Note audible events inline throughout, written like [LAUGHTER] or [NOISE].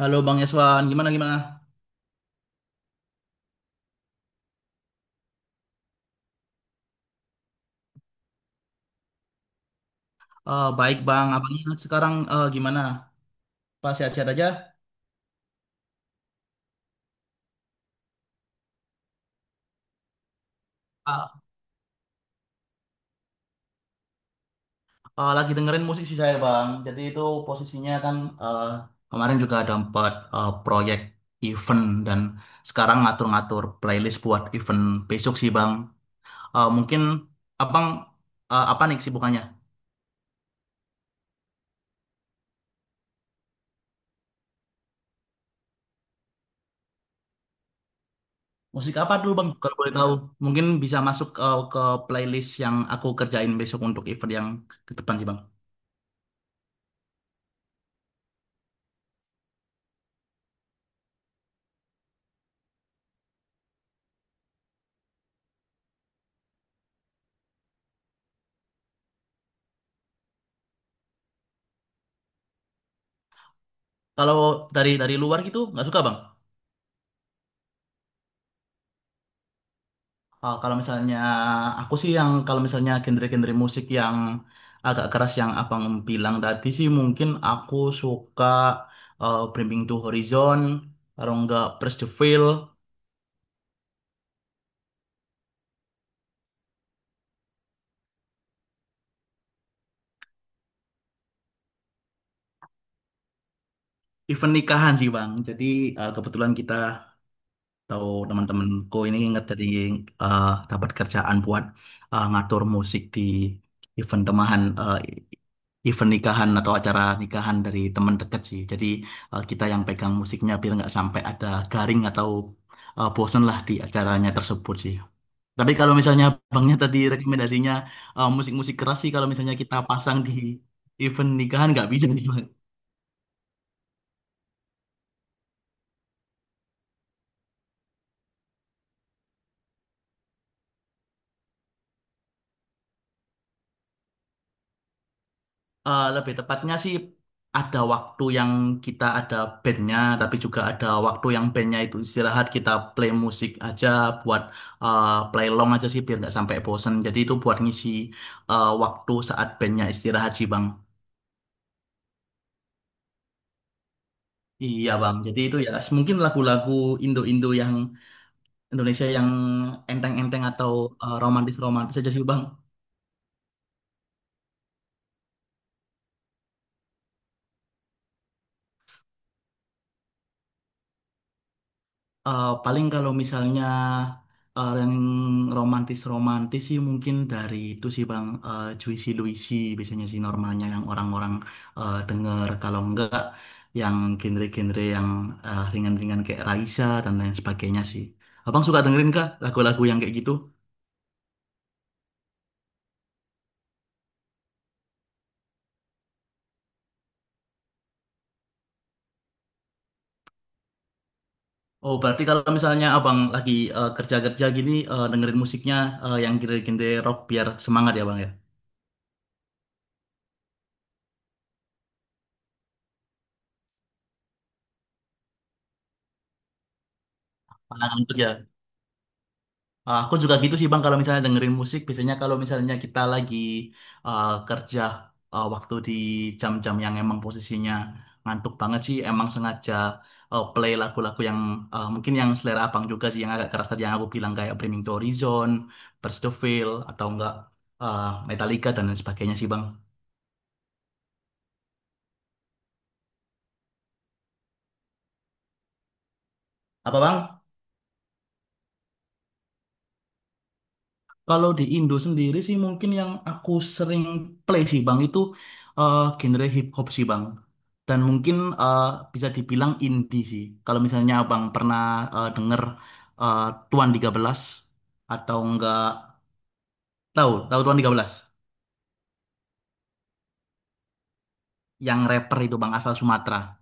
Halo Bang Yeswan, gimana gimana? Baik Bang, abangnya sekarang gimana? Pas sehat-sehat aja? Ah, lagi dengerin musik sih saya Bang. Jadi itu posisinya kan eh, kemarin juga dapat proyek event dan sekarang ngatur-ngatur playlist buat event besok sih Bang. Eh, mungkin abang apa nih sibukannya? Musik apa dulu Bang? Kalau boleh tahu, mungkin bisa masuk ke playlist yang aku kerjain besok untuk event yang ke depan sih Bang. Kalau dari luar gitu nggak suka Bang? Ah, kalau misalnya aku sih yang kalau misalnya genre-genre musik yang agak keras yang abang bilang tadi sih mungkin aku suka Bringing to Horizon, kalau enggak Press the Veil, even nikahan sih bang. Jadi kebetulan kita tahu teman-temanku ini inget dari eh, dapat kerjaan buat ngatur musik di event temahan event nikahan atau acara nikahan dari teman dekat sih. Jadi kita yang pegang musiknya biar nggak sampai ada garing atau bosen lah di acaranya tersebut sih. Tapi kalau misalnya abangnya tadi rekomendasinya musik-musik keras sih kalau misalnya kita pasang di event nikahan nggak bisa nih, Bang. Eh, lebih tepatnya sih ada waktu yang kita ada bandnya, tapi juga ada waktu yang bandnya itu istirahat kita play musik aja buat play long aja sih biar nggak sampai bosen. Jadi itu buat ngisi waktu saat bandnya istirahat sih bang. Iya bang. Jadi itu ya mungkin lagu-lagu Indo-Indo yang Indonesia yang enteng-enteng atau romantis-romantis aja sih bang. Eh, paling kalau misalnya yang romantis-romantis sih mungkin dari itu sih Bang Juicy Luicy biasanya sih normalnya yang orang-orang denger kalau enggak yang genre-genre yang ringan-ringan kayak Raisa dan lain sebagainya sih. Abang suka dengerin kah lagu-lagu yang kayak gitu? Oh, berarti kalau misalnya Abang lagi kerja-kerja gini dengerin musiknya yang genre-genre rock biar semangat ya Bang ya. Pangan kerja. Ah, aku juga gitu sih Bang kalau misalnya dengerin musik biasanya kalau misalnya kita lagi kerja waktu di jam-jam yang emang posisinya ngantuk banget sih emang sengaja play lagu-lagu yang mungkin yang selera Abang juga sih yang agak keras tadi yang aku bilang kayak Bring Me The Horizon, Burst The Veil atau enggak ah, Metallica dan lain sebagainya sih Bang. Apa Bang? Kalau di Indo sendiri sih mungkin yang aku sering play sih Bang itu genre hip hop sih Bang. Dan mungkin eh, bisa dibilang indie sih. Kalau misalnya Abang pernah denger eh, Tuan 13 atau enggak tahu, tahu Tuan 13 yang rapper itu Bang asal Sumatera.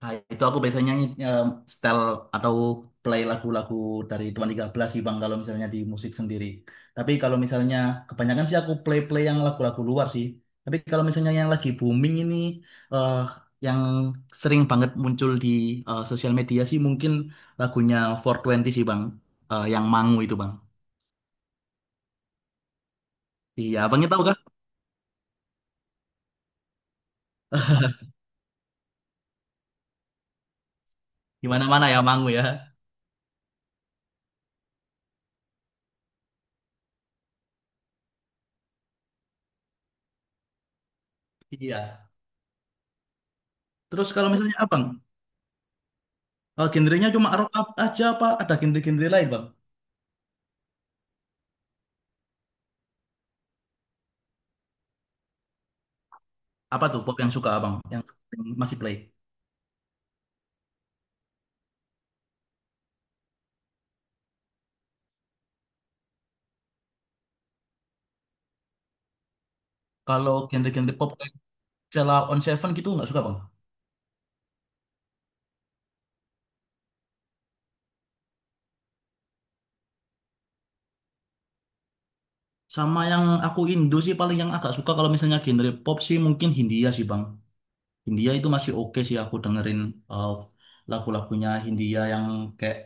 Nah, itu aku biasanya nyanyi style atau play lagu-lagu dari Tuan 13 sih Bang kalau misalnya di musik sendiri. Tapi kalau misalnya kebanyakan sih aku play-play yang lagu-lagu luar sih. Tapi kalau misalnya yang lagi booming ini eh yang sering banget muncul di sosial media sih mungkin lagunya 420 sih Bang. Eh, yang Mangu itu Bang. Iya, Abangnya tahu kah? [LAUGHS] Gimana mana ya Mangu ya. Iya. Terus kalau misalnya Abang, genrenya cuma rock up aja apa ada genre-genre lain Bang? Apa tuh pop yang suka abang? Yang masih play? Kalau genre-genre pop kayak Sheila on Seven gitu nggak suka bang? Sama yang aku Indo sih paling yang agak suka kalau misalnya genre pop sih mungkin Hindia sih bang. Hindia itu masih oke sih aku dengerin uh, lagu-lagunya Hindia yang kayak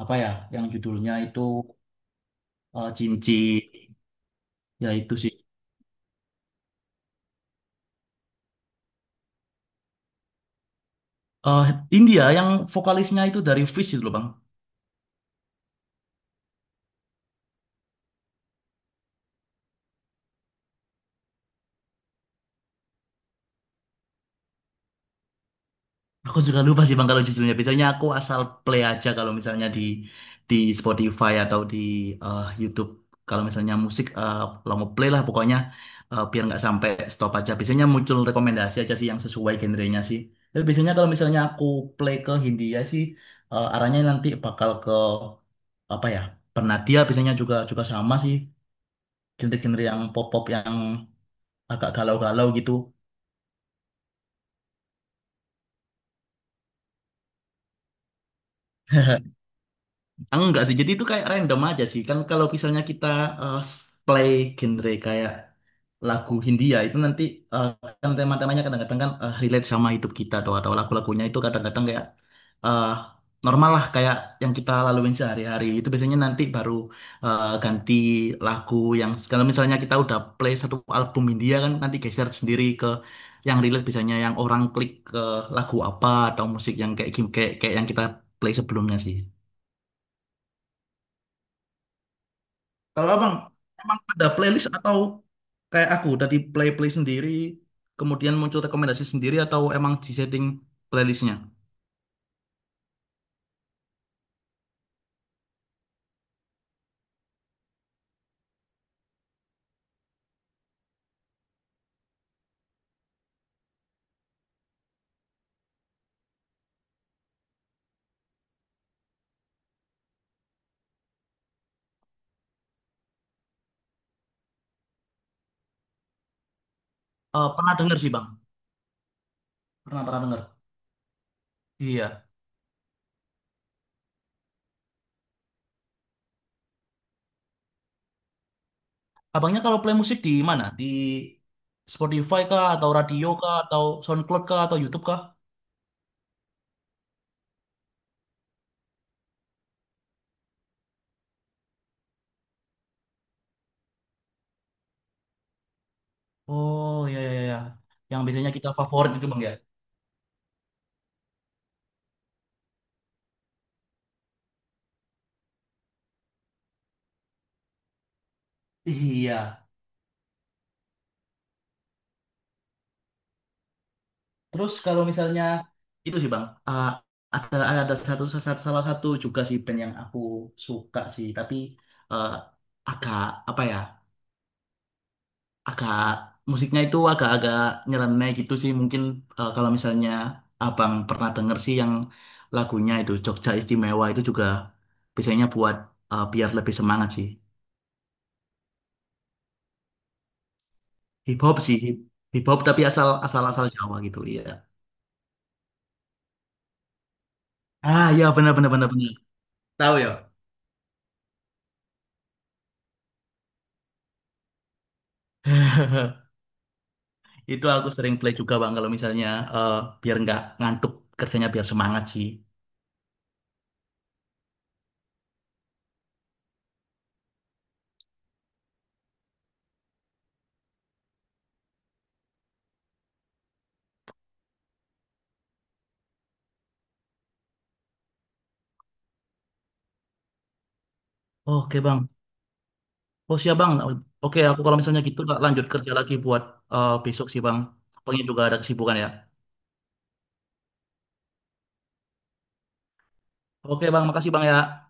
apa ya? Yang judulnya itu Cinci. Ya itu sih. Eh, India yang vokalisnya itu dari Fish itu loh bang. Aku juga lupa sih Bang kalau judulnya. Biasanya aku asal play aja kalau misalnya di Spotify atau di YouTube. Kalau misalnya musik kalau mau play lah pokoknya biar nggak sampai stop aja. Biasanya muncul rekomendasi aja sih yang sesuai genrenya sih. Tapi biasanya kalau misalnya aku play ke Hindia sih arahnya nanti bakal ke apa ya? Pernadia biasanya juga juga sama sih genre-genre yang pop-pop yang agak galau-galau gitu. [LAUGHS] Enggak sih, jadi itu kayak random aja sih. Kan kalau misalnya kita eh, play genre kayak lagu Hindia itu nanti eh, kan tema-temanya kadang-kadang kan relate sama hidup kita atau lagu-lagunya itu kadang-kadang kayak eh, normal lah kayak yang kita laluin sehari-hari. Itu biasanya nanti baru ganti lagu yang kalau misalnya kita udah play satu album Hindia kan nanti geser sendiri ke yang relate biasanya yang orang klik ke lagu apa atau musik yang kayak kayak kayak yang kita play sebelumnya sih. Kalau abang emang ada playlist atau kayak aku dari play-play sendiri, kemudian muncul rekomendasi sendiri atau emang di setting playlistnya? Eh, pernah denger sih bang, pernah pernah denger. Iya, abangnya kalau play musik di mana? Di Spotify kah atau radio kah atau SoundCloud kah atau YouTube kah? Oh, iya iya iya, yang biasanya kita favorit itu bang ya. Iya. Terus kalau misalnya itu sih Bang, ada satu satu- salah satu juga sih band yang aku suka sih, tapi eh, agak apa ya, agak musiknya itu agak-agak nyeleneh gitu sih. Mungkin kalau misalnya Abang pernah denger sih yang lagunya itu Jogja Istimewa itu juga biasanya buat biar lebih semangat sih. Hip hop sih, hip hop tapi asal asal asal Jawa gitu, iya. Ah, iya benar benar benar benar. Tahu ya. [LAUGHS] Itu aku sering play juga bang kalau misalnya eh, biar nggak ngantuk kerjanya biar semangat sih. Oh, oke bang, oh siap bang. Oke aku kalau misalnya gitu lanjut kerja lagi buat besok sih bang. Pengen juga ada kesibukan ya. Oke bang, makasih bang ya.